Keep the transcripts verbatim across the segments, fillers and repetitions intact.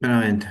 Veramente.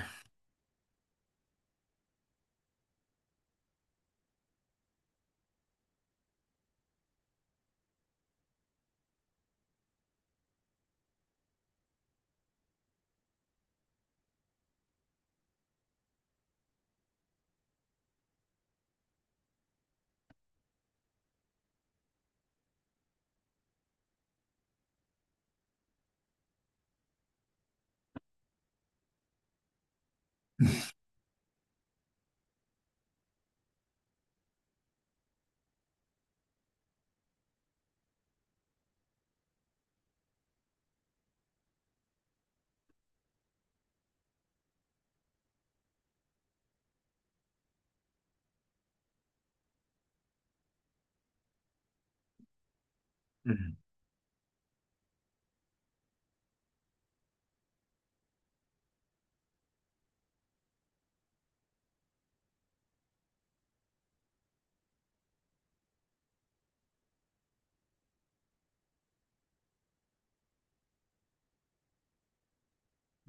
Mm,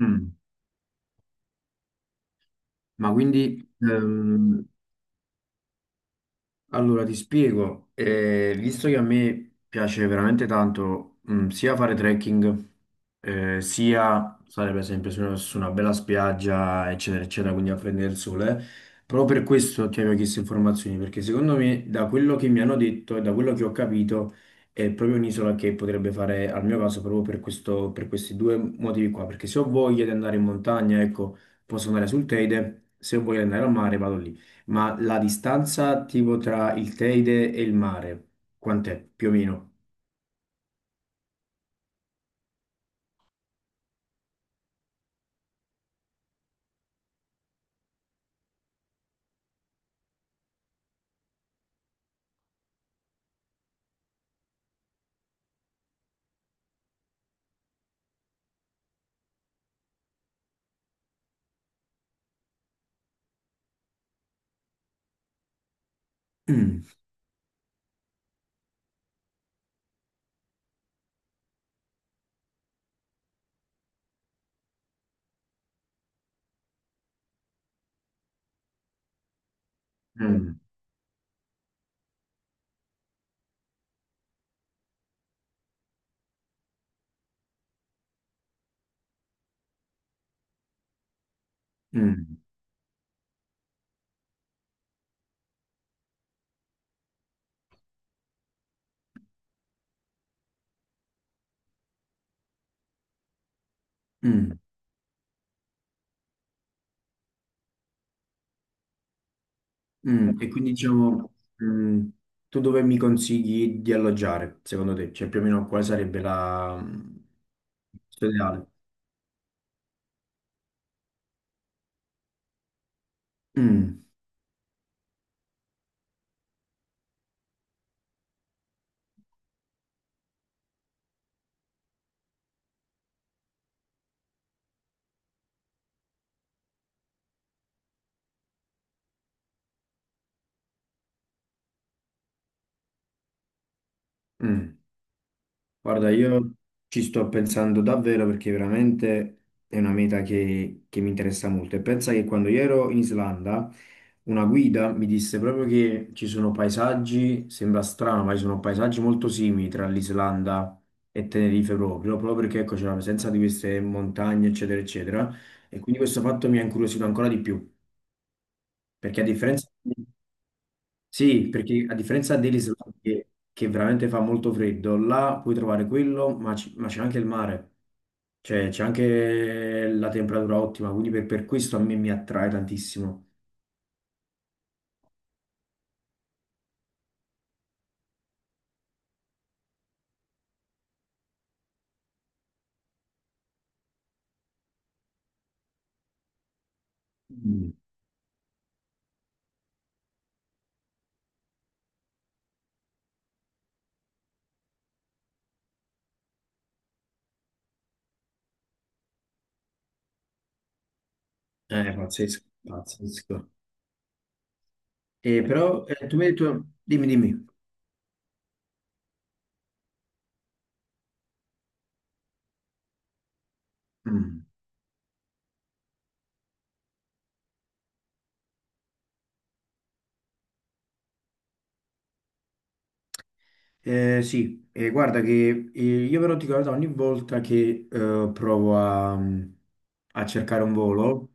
mm. Ma quindi ehm, allora, ti spiego, Eh, visto che a me piace veramente tanto, mm, sia fare trekking, eh, sia stare per esempio su una, su una bella spiaggia, eccetera, eccetera, quindi a prendere il sole, proprio per questo ti avevo chiesto informazioni, perché secondo me, da quello che mi hanno detto e da quello che ho capito, è proprio un'isola che potrebbe fare al mio caso, proprio per questo- per questi due motivi qua, perché se ho voglia di andare in montagna, ecco, posso andare sul Teide, se ho voglia di andare al mare, vado lì. Ma la distanza tipo tra il Teide e il mare, quant'è più o meno? Mm, mm, mm, mm, mm. E quindi diciamo, mm, tu dove mi consigli di alloggiare, secondo te? Cioè più o meno quale sarebbe la... mm, ideale? Mm, mm. Guarda, io ci sto pensando davvero perché veramente è una meta che, che mi interessa molto. E pensa che quando io ero in Islanda, una guida mi disse proprio che ci sono paesaggi, sembra strano, ma ci sono paesaggi molto simili tra l'Islanda e Tenerife, proprio, proprio perché ecco, c'è la presenza di queste montagne, eccetera, eccetera. E quindi questo fatto mi ha incuriosito ancora di più, perché a differenza, sì, perché a differenza dell'Islanda, che, che veramente fa molto freddo, là puoi trovare quello, ma c- ma c'è anche il mare, cioè c'è anche la temperatura ottima, quindi per, per questo a me mi attrae tantissimo. Mm. È pazzesco, pazzesco. Eh, però eh, tu mi hai detto, dimmi, dimmi. Mm. Eh, sì, eh, guarda che, eh, io però ti guardo ogni volta che eh, provo a, mm, a cercare un volo.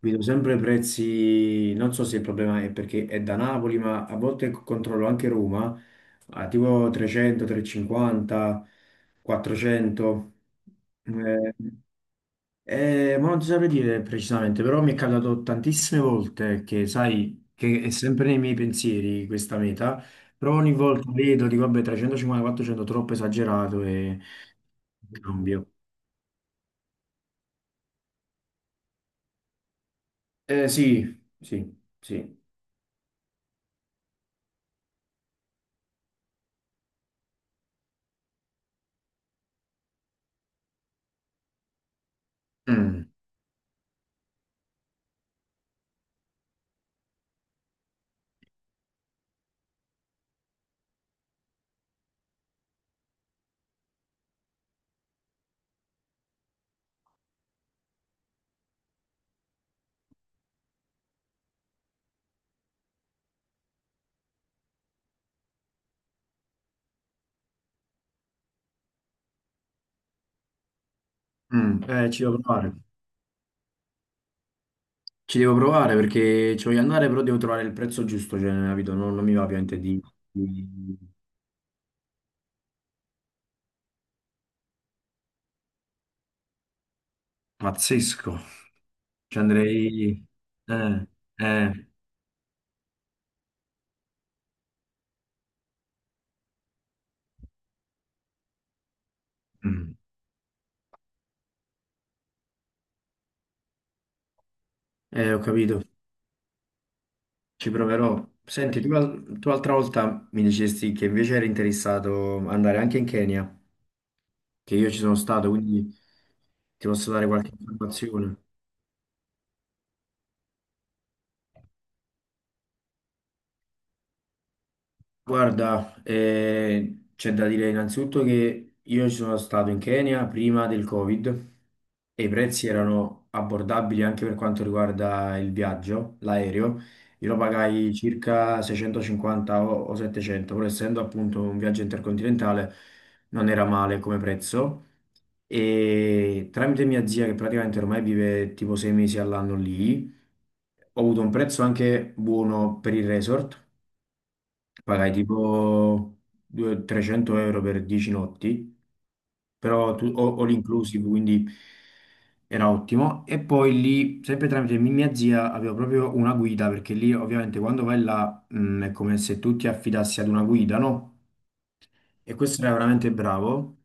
Vedo sempre prezzi, non so se il problema è perché è da Napoli, ma a volte controllo anche Roma, a tipo trecento, trecentocinquanta, quattrocento. Eh, eh, ma non ti saprei dire precisamente, però mi è capitato tantissime volte che, sai, che è sempre nei miei pensieri questa meta, però ogni volta vedo, dico, vabbè, trecentocinquanta, quattrocento, troppo esagerato, e cambio. Eh, sì, sì, sì. Mm, mm, eh, ci devo provare. Ci devo provare perché ci voglio andare, però devo trovare il prezzo giusto, cioè, capito? Non, non mi va ovviamente di, di- Pazzesco. Ci andrei... Eh, eh, mm. Eh, ho capito, ci proverò. Senti, tu, l'al- tu l'altra volta mi dicesti che invece eri interessato ad andare anche in Kenya, che io ci sono stato, quindi ti posso dare qualche informazione. Guarda, eh, c'è da dire innanzitutto che io ci sono stato in Kenya prima del Covid, e i prezzi erano abbordabili anche per quanto riguarda il viaggio, l'aereo. Io lo pagai circa seicentocinquanta o o settecento, pur essendo appunto un viaggio intercontinentale, non era male come prezzo. E tramite mia zia, che praticamente ormai vive tipo sei mesi all'anno lì, ho avuto un prezzo anche buono per il resort. Pagai tipo due- trecento euro per dieci notti, però tu, o- all inclusive, quindi era ottimo. E poi lì, sempre tramite mi- mia zia, avevo proprio una guida, perché lì ovviamente quando vai là, mh, è come se tu ti affidassi ad una guida, no? E questo era veramente bravo.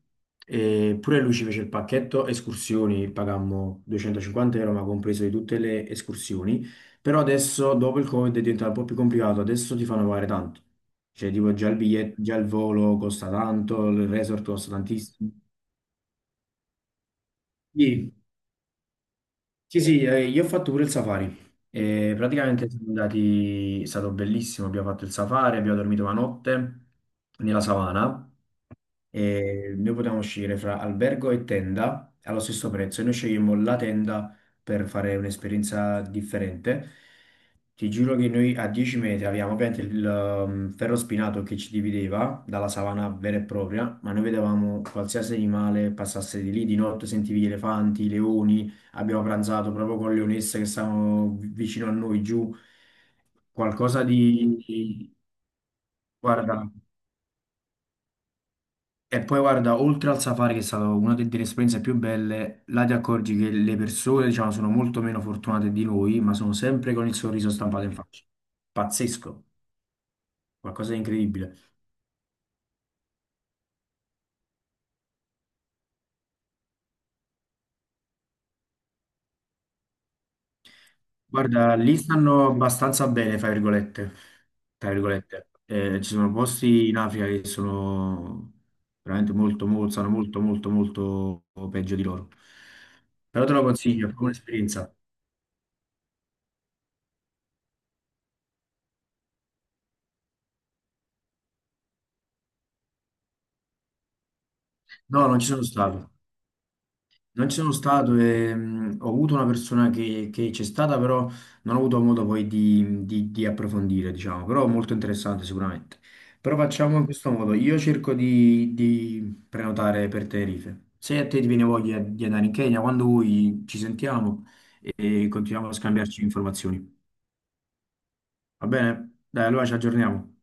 E pure lui ci fece il pacchetto escursioni, pagammo duecentocinquanta euro, ma compreso di tutte le escursioni. Però adesso, dopo il Covid, è diventato un po' più complicato. Adesso ti fanno pagare tanto. Cioè, tipo, già il biglietto, già il volo costa tanto, il resort costa tantissimo. Sì, sì, sì, eh, io ho fatto pure il safari. E praticamente siamo andati, è stato bellissimo. Abbiamo fatto il safari, abbiamo dormito una notte nella savana. E noi potevamo scegliere fra albergo e tenda allo stesso prezzo. E noi scegliemmo la tenda per fare un'esperienza differente. Ti giuro che noi a dieci metri avevamo ovviamente il um, ferro spinato che ci divideva dalla savana vera e propria, ma noi vedevamo qualsiasi animale passasse di lì di notte, sentivi gli elefanti, i leoni, abbiamo pranzato proprio con le leonesse che stavano vi- vicino a noi giù, qualcosa di... di- Guarda, e poi guarda, oltre al safari, che è stata una de- delle esperienze più belle, là ti accorgi che le persone, diciamo, sono molto meno fortunate di noi, ma sono sempre con il sorriso stampato in faccia. Pazzesco, qualcosa di incredibile. Guarda, lì stanno abbastanza bene, fra virgolette. Tra virgolette. Eh, ci sono posti in Africa che sono veramente molto, molto, sono molto, molto, molto peggio di loro. Però te lo consiglio, è proprio un'esperienza. No, non ci sono stato. Non ci sono stato, e, mh, ho avuto una persona che, che c'è stata, però non ho avuto modo poi di, di- di approfondire, diciamo, però molto interessante sicuramente. Però facciamo in questo modo, io cerco di, di prenotare per Tenerife. Se a te ti viene voglia di andare in Kenya, quando vuoi ci sentiamo e continuiamo a scambiarci informazioni. Va bene? Dai, allora ci aggiorniamo.